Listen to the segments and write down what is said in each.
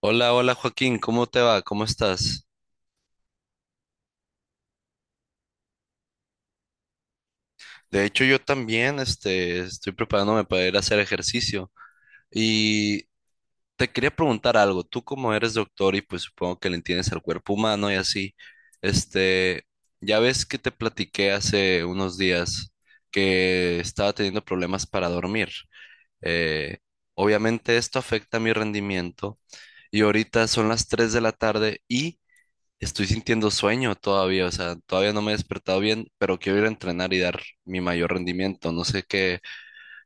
Hola, hola Joaquín, ¿cómo te va? ¿Cómo estás? De hecho, yo también, estoy preparándome para ir a hacer ejercicio y te quería preguntar algo. Tú como eres doctor y pues supongo que le entiendes al cuerpo humano y así, este, ya ves que te platiqué hace unos días que estaba teniendo problemas para dormir. Eh, Obviamente esto afecta mi rendimiento y ahorita son las 3 de la tarde y estoy sintiendo sueño todavía. O sea, todavía no me he despertado bien, pero quiero ir a entrenar y dar mi mayor rendimiento. No sé qué,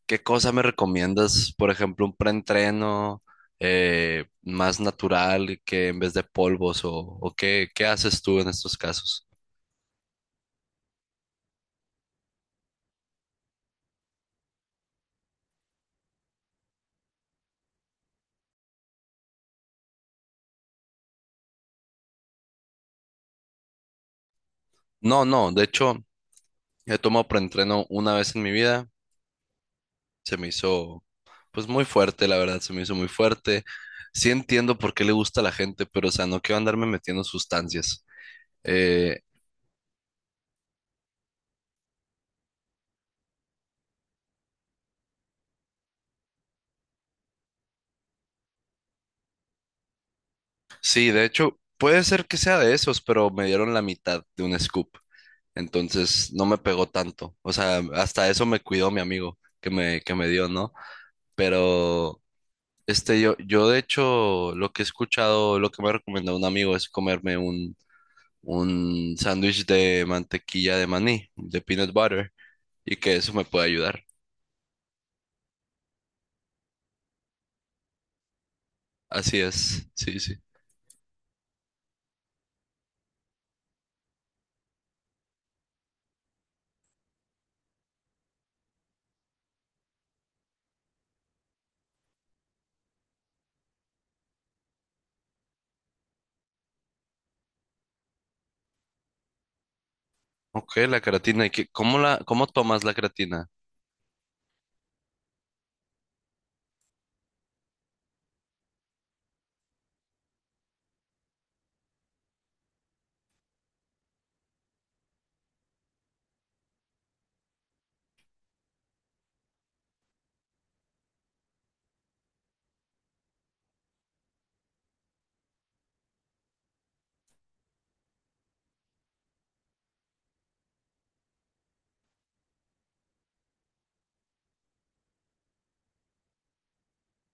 qué cosa me recomiendas, por ejemplo, un preentreno más natural, que en vez de polvos o qué, qué haces tú en estos casos. No, no, de hecho, he tomado preentreno una vez en mi vida, se me hizo pues muy fuerte, la verdad, se me hizo muy fuerte. Sí, entiendo por qué le gusta a la gente, pero o sea, no quiero andarme metiendo sustancias. Eh. Sí, de hecho, puede ser que sea de esos, pero me dieron la mitad de un scoop. Entonces no me pegó tanto. O sea, hasta eso me cuidó mi amigo que me dio, ¿no? Pero yo de hecho, lo que he escuchado, lo que me recomendó un amigo es comerme un sándwich de mantequilla de maní, de peanut butter, y que eso me puede ayudar. Así es, sí, sí. Ok, la creatina. ¿Y qué- cómo la, cómo tomas la creatina?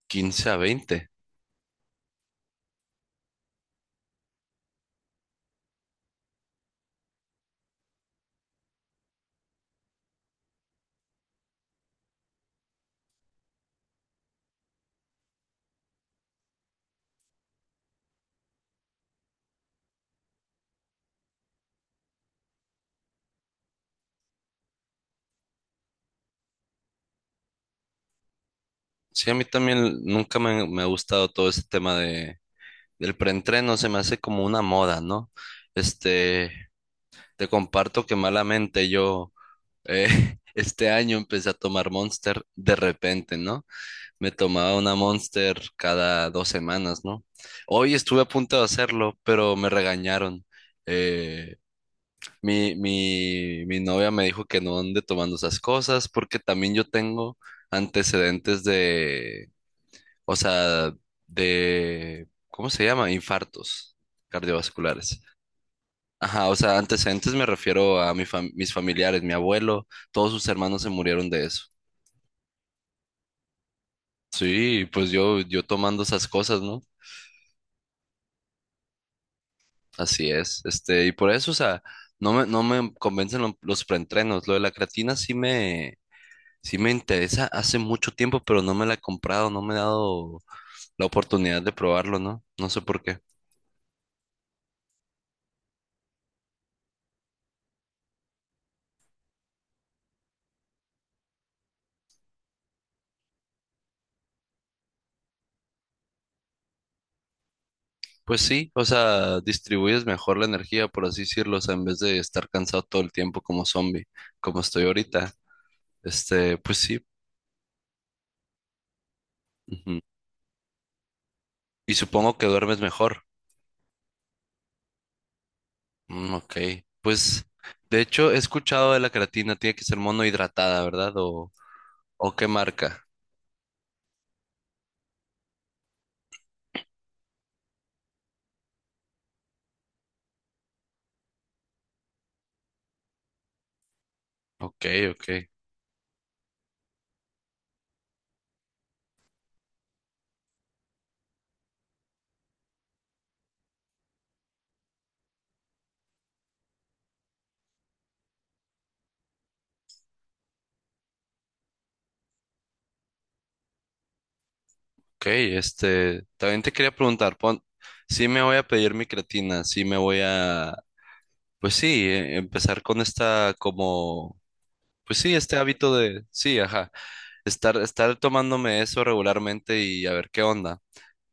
15 a 20. Sí, a mí también nunca me, me ha gustado todo ese tema de, del preentreno, se me hace como una moda, ¿no? Este, te comparto que malamente yo eh, este año empecé a tomar Monster de repente, ¿no? Me tomaba una Monster cada 2 semanas, ¿no? Hoy estuve a punto de hacerlo, pero me regañaron. Eh, mi novia me dijo que no ande tomando esas cosas porque también yo tengo antecedentes de, o sea, de, ¿cómo se llama? Infartos cardiovasculares. Ajá, o sea, antecedentes me refiero a mi mis familiares, mi abuelo, todos sus hermanos se murieron de eso. Sí, pues yo tomando esas cosas, ¿no? Así es. Y por eso, o sea, no me, no me convencen los preentrenos. Lo de la creatina sí me interesa hace mucho tiempo, pero no me la he comprado, no me he dado la oportunidad de probarlo, ¿no? No sé por qué. Pues sí, o sea, distribuyes mejor la energía, por así decirlo, o sea, en vez de estar cansado todo el tiempo como zombie, como estoy ahorita. Pues sí. Ujú. Y supongo que duermes mejor. Mm, ok, pues de hecho he escuchado de la creatina, tiene que ser monohidratada, ¿verdad? O qué marca? Ok, ok, ok, también te quería preguntar, pon, sí me voy a pedir mi creatina, sí me voy a, pues sí, empezar con esta como, pues sí, este hábito de, sí, ajá, estar, estar tomándome eso regularmente y a ver qué onda.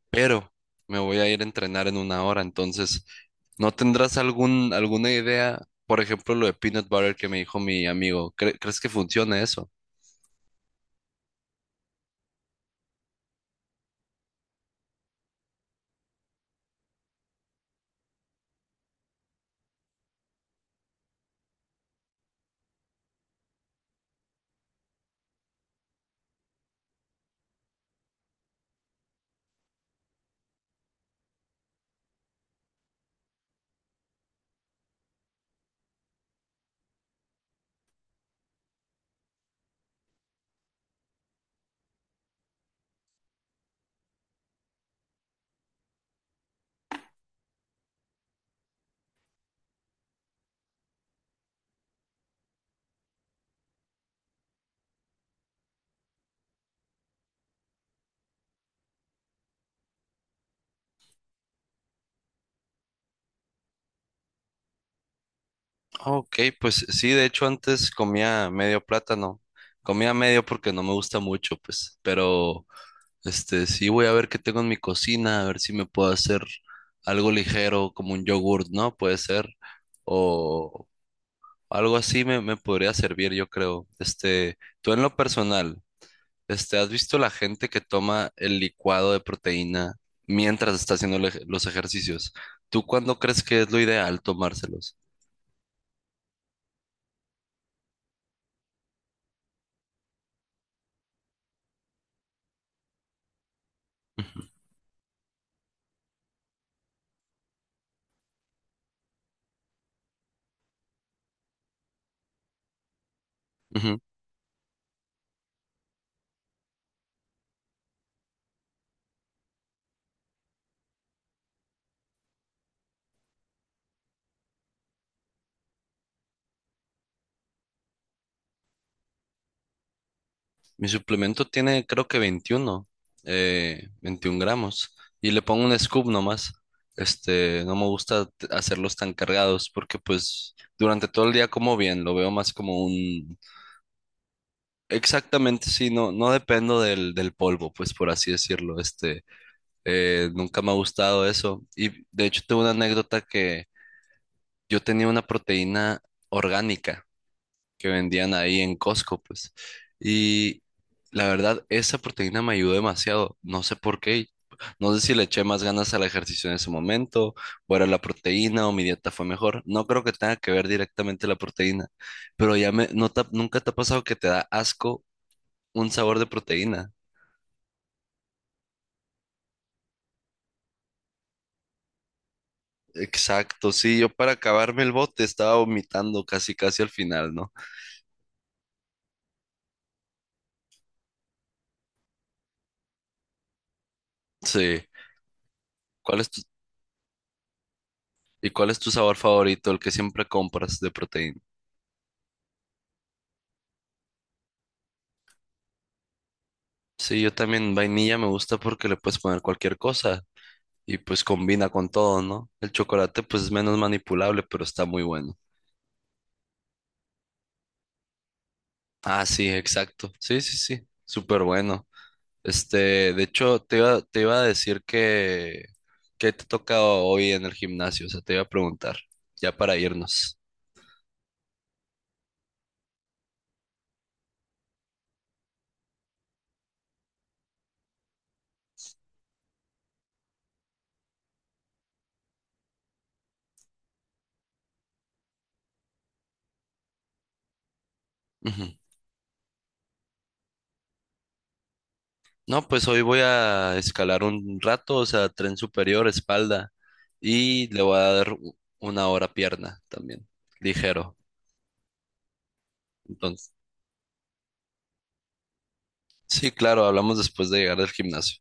Pero me voy a ir a entrenar en una hora, entonces, ¿no tendrás algún, alguna idea? Por ejemplo, lo de peanut butter que me dijo mi amigo, ¿cre- ¿crees que funcione eso? Ok, pues sí, de hecho antes comía medio plátano, comía medio porque no me gusta mucho, pues, pero… sí, voy a ver qué tengo en mi cocina, a ver si me puedo hacer algo ligero, como un yogurt, ¿no? Puede ser. O algo así me, me podría servir, yo creo. Tú en lo personal, ¿has visto la gente que toma el licuado de proteína mientras está haciendo el los ejercicios? ¿Tú cuándo crees que es lo ideal tomárselos? Ujú, ujú. Mi suplemento tiene, creo que 21, 21 gramos. Y le pongo un scoop nomás. No me gusta hacerlos tan cargados, porque pues durante todo el día como bien, lo veo más como un… Exactamente, sí, no, no dependo del, del polvo, pues por así decirlo. Nunca me ha gustado eso. Y de hecho tengo una anécdota que yo tenía una proteína orgánica, que vendían ahí en Costco, pues. Y la verdad, esa proteína me ayudó demasiado. No sé por qué. No sé si le eché más ganas al ejercicio en ese momento, o era la proteína, o mi dieta fue mejor. No creo que tenga que ver directamente la proteína, pero ya me, no te nunca te ha pasado que te da asco un sabor de proteína. Exacto, sí, yo para acabarme el bote estaba vomitando casi casi al final, ¿no? Sí. ¿Cuál es tu, y cuál es tu sabor favorito, el que siempre compras de proteína? Sí, yo también vainilla me gusta porque le puedes poner cualquier cosa y pues combina con todo, ¿no? El chocolate pues es menos manipulable, pero está muy bueno. Ah, sí, exacto. Sí, sí, sí. Súper bueno. De hecho, te iba a decir que te toca hoy en el gimnasio, o sea, te iba a preguntar, ya para irnos. Ujú. No, pues hoy voy a escalar un rato, o sea, tren superior, espalda, y le voy a dar una hora pierna también, ligero. Entonces, sí, claro, hablamos después de llegar del gimnasio.